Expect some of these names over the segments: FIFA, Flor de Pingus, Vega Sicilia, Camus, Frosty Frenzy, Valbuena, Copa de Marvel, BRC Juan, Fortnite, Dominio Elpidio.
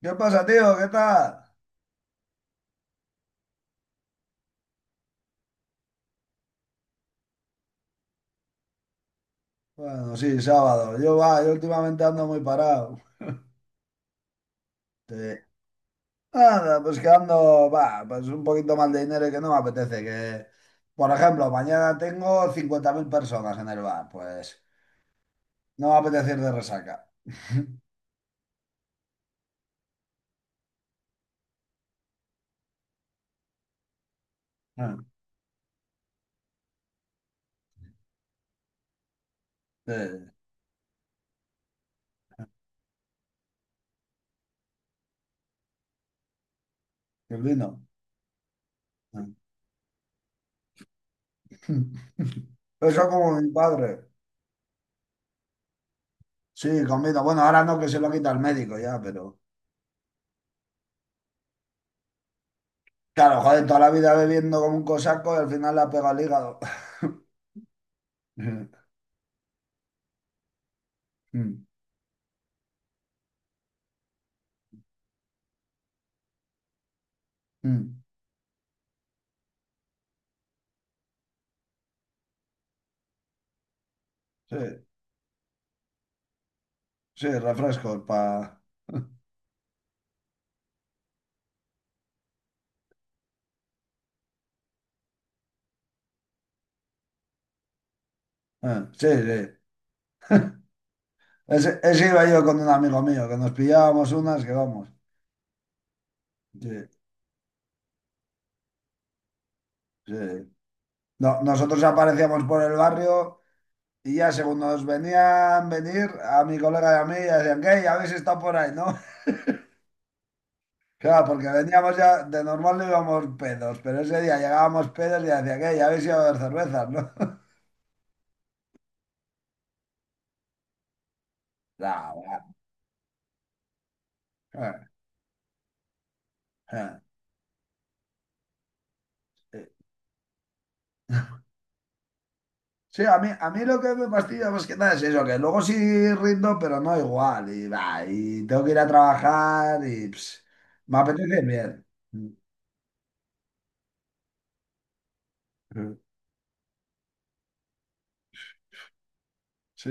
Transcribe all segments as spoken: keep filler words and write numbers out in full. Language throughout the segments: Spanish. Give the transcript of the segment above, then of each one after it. ¿Qué pasa, tío? ¿Qué tal? Bueno, sí, sábado. Yo, va, yo últimamente ando muy parado. Sí. Nada, pues que ando, va, pues un poquito mal de dinero y que no me apetece. Que, por ejemplo, mañana tengo cincuenta mil personas en el bar. Pues no me apetece ir de resaca. Ah, sí, el vino. Ah. Eso como mi padre. Sí, con vino. Bueno, ahora no, que se lo quita el médico ya, pero... Claro, joder, toda la vida bebiendo como un cosaco y al final le ha pegado el hígado. Mm. Mm. Sí, sí, refrescos para... Sí, sí. Ese, ese iba yo con un amigo mío, que nos pillábamos unas que vamos. Sí, sí. No, nosotros aparecíamos por el barrio y ya según nos venían venir, a mi colega y a mí ya decían, ¿qué? ¿Ya habéis estado por ahí, no? Claro, porque veníamos ya, de normal no íbamos pedos, pero ese día llegábamos pedos y decían, ¿qué? ¿Ya habéis ido a ver cervezas, no? No, bueno. Sí, a mí, a mí lo que me fastidia más que nada es eso, que luego sí rindo, pero no igual. Y, va, y tengo que ir a trabajar y ps, me apetece bien. Sí,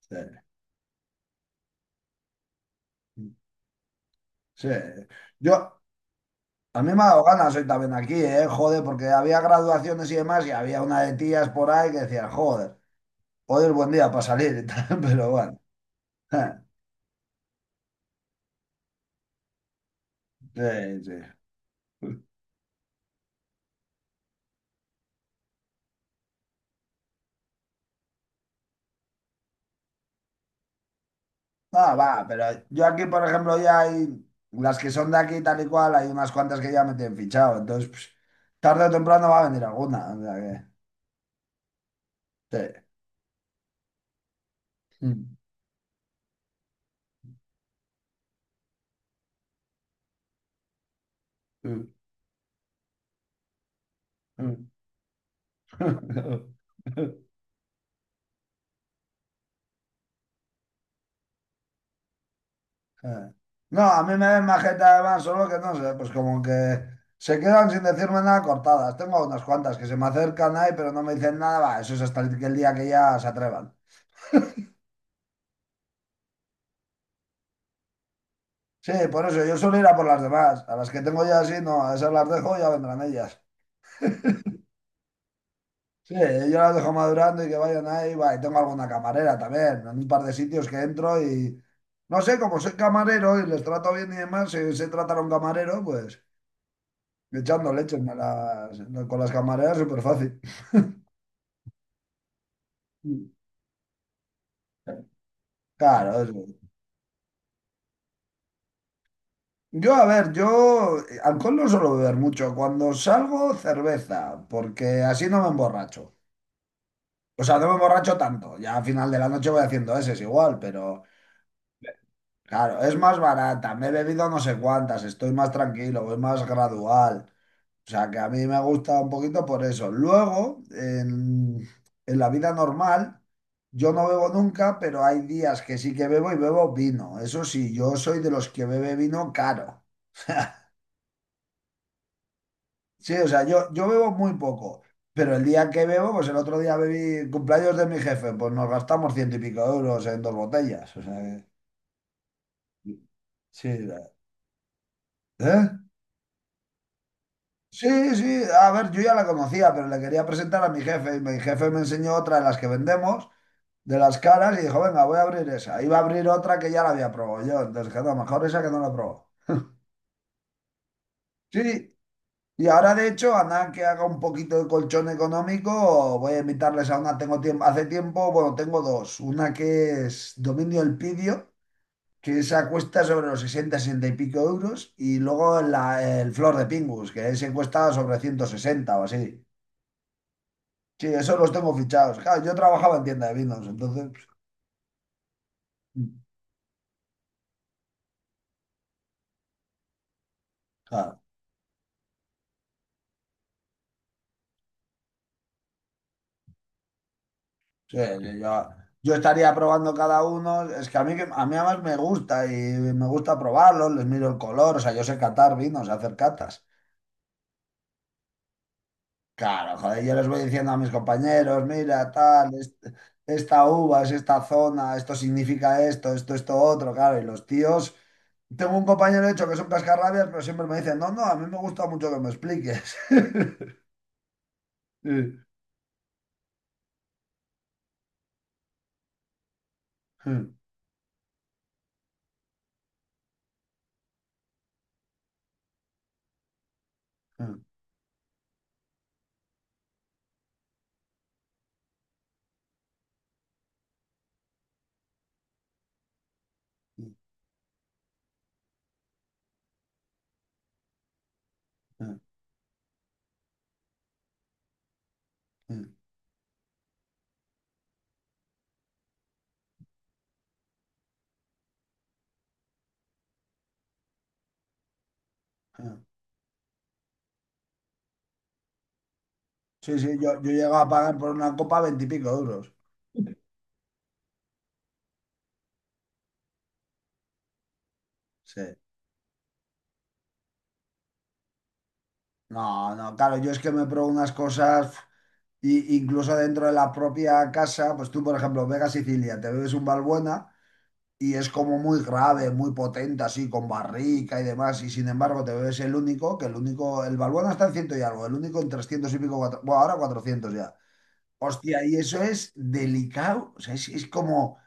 sí, sí. Yo, a mí me ha dado ganas hoy también aquí, ¿eh? Joder, porque había graduaciones y demás y había una de tías por ahí que decían, joder, hoy es buen día para salir y tal, pero bueno. Sí, sí. Ah, va, pero yo aquí, por ejemplo, ya hay las que son de aquí tal y cual, hay unas cuantas que ya me tienen fichado, entonces pues, tarde o temprano va a venir alguna. O sea que, sí. Mm, mm, mm. Eh. No, a mí me ven majeta además, solo que no sé, pues como que se quedan sin decirme nada cortadas. Tengo unas cuantas que se me acercan ahí, pero no me dicen nada, va, eso es hasta el, que el día que ya se atrevan. Sí, por eso yo suelo ir a por las demás, a las que tengo ya así, no, a esas las dejo, ya vendrán ellas. Sí, yo las dejo madurando y que vayan ahí. Va, y tengo alguna camarera también, en un par de sitios que entro y no sé, como soy camarero y les trato bien y demás, si sé tratar a un camarero, pues echando leche me las- con las camareras súper fácil. Claro, eso. Yo, a ver, yo eh, alcohol no suelo beber mucho. Cuando salgo, cerveza, porque así no me emborracho. O sea, no me emborracho tanto. Ya al final de la noche voy haciendo ese, es igual, pero claro, es más barata, me he bebido no sé cuántas, estoy más tranquilo, voy más gradual. O sea, que a mí me gusta un poquito por eso. Luego, en, en la vida normal, yo no bebo nunca, pero hay días que sí que bebo y bebo vino. Eso sí, yo soy de los que bebe vino caro. Sí, o sea, yo, yo bebo muy poco, pero el día que bebo, pues el otro día bebí cumpleaños de mi jefe, pues nos gastamos ciento y pico euros en dos botellas. O sea, que- sí, ¿eh? Sí, sí, a ver, yo ya la conocía, pero le quería presentar a mi jefe y mi jefe me enseñó otra de las que vendemos, de las caras, y dijo, venga, voy a abrir esa. Iba a abrir otra que ya la había probado yo, entonces dije, no, mejor esa que no la probó. Sí, y ahora de hecho, a nada que haga un poquito de colchón económico, voy a invitarles a una, tengo tiempo, hace tiempo, bueno, tengo dos, una que es Dominio Elpidio, que esa cuesta sobre los sesenta, 60 y pico euros, y luego la- el Flor de Pingus, que ese cuesta sobre ciento sesenta o así. Sí, eso los tengo fichados. Claro, yo trabajaba en tienda de vinos, entonces, pues, claro, sí, sí, yo, yo estaría probando cada uno. Es que a mí, que- a mí además me gusta y me gusta probarlos, les miro el color, o sea, yo sé catar vinos, hacer catas. Claro, joder, yo les voy diciendo a mis compañeros, mira, tal, est- esta uva es esta zona, esto significa esto, esto, esto, otro, claro, y los tíos... Tengo un compañero, de hecho, que son cascarrabias, pero siempre me dicen, no, no, a mí me gusta mucho que me expliques. Sí, sí, sí. Mm, mm, mm. Sí, sí, yo, yo llego a pagar por una copa veintipico euros. Sí. No, no, claro, yo es que me pruebo unas cosas, pf, y, incluso dentro de la propia casa, pues tú, por ejemplo, Vega Sicilia, te bebes un valbuena y es como muy grave, muy potente, así, con barrica y demás, y sin embargo te bebes el único, que el único, el valbuena está en ciento y algo, el único en trescientos y pico, cuatro- bueno, ahora cuatrocientos ya. Hostia, y eso es delicado, o sea, es, es como...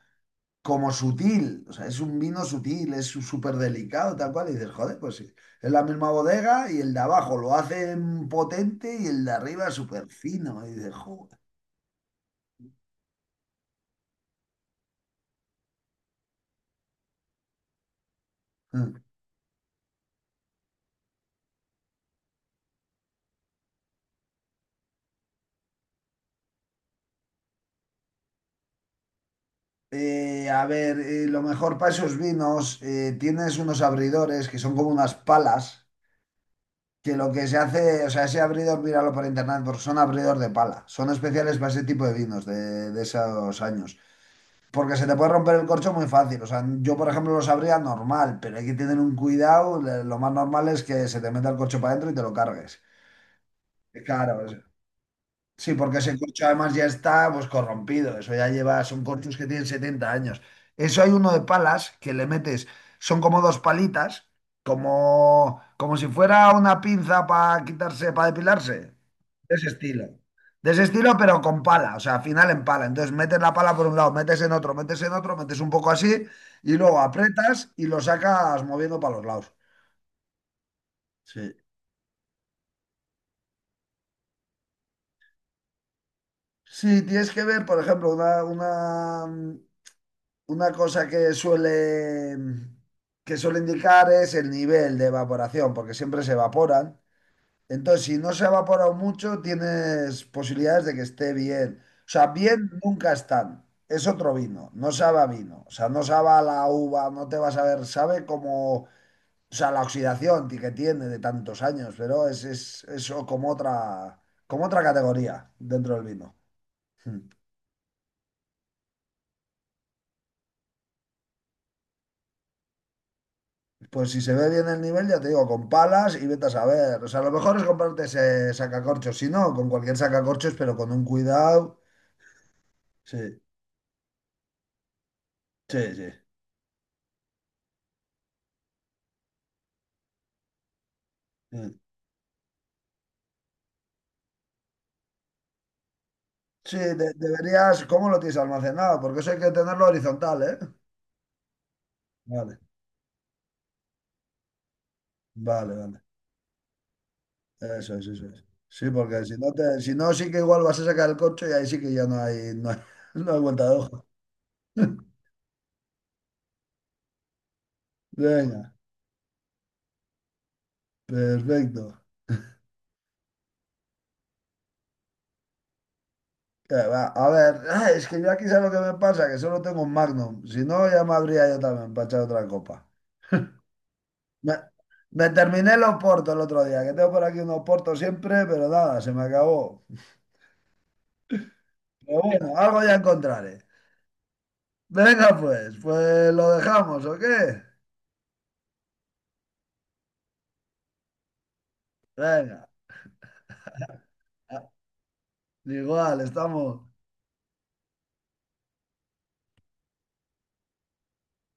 como sutil, o sea, es un vino sutil, es su- súper delicado, tal cual, y dices, joder, pues sí, es la misma bodega y el de abajo lo hacen potente y el de arriba es súper fino, y dices, joder. Mm. Eh, a ver, eh, lo mejor para esos vinos, eh, tienes unos abridores que son como unas palas, que lo que se hace, o sea, ese abridor, míralo por internet, porque son abridor de pala, son especiales para ese tipo de vinos de, de esos años. Porque se te puede romper el corcho muy fácil. O sea, yo, por ejemplo, lo sabría normal, pero hay que tener un cuidado. Le- Lo más normal es que se te meta el corcho para adentro y te lo cargues. Claro, es- sí, porque ese corcho además ya está pues corrompido. Eso ya lleva, son corchos que tienen setenta años. Eso hay uno de palas que le metes, son como dos palitas, como, como si fuera una pinza para quitarse, para depilarse de ese estilo. De ese estilo, pero con pala, o sea, al final en pala. Entonces metes la pala por un lado, metes en otro, metes en otro, metes un poco así y luego apretas y lo sacas moviendo para los lados. Sí. Sí, tienes que ver, por ejemplo, una, una, una cosa que suele, que suele indicar es el nivel de evaporación, porque siempre se evaporan. Entonces, si no se ha evaporado mucho, tienes posibilidades de que esté bien. O sea, bien nunca están. Es otro vino, no sabe a vino. O sea, no sabe a la uva, no te vas a ver, sabe como, o sea, la oxidación ti- que tiene de tantos años, pero es, es eso como otra, como otra categoría dentro del vino. Mm. Pues si se ve bien el nivel, ya te digo, con palas y vete a saber. O sea, lo mejor es comprarte ese sacacorchos, si no, con cualquier sacacorchos, pero con un cuidado. Sí, sí, sí. Sí, de- deberías, ¿cómo lo tienes almacenado? Porque eso hay que tenerlo horizontal, ¿eh? Vale, vale, vale. Eso es, eso es. Sí, porque si no, te, si no, sí que igual vas a sacar el coche y ahí sí que ya no hay, no hay, no hay vuelta de hoja. Venga, perfecto. Que va, a ver, ah, es que yo aquí sabes lo que me pasa, que solo tengo un Magnum. Si no, ya me habría yo también para echar otra copa. Me, me terminé los portos el otro día, que tengo por aquí unos portos siempre, pero nada, se me acabó. Pero bueno, algo ya encontraré. Venga, pues, pues lo dejamos, ¿o qué? Venga, ah, igual, estamos.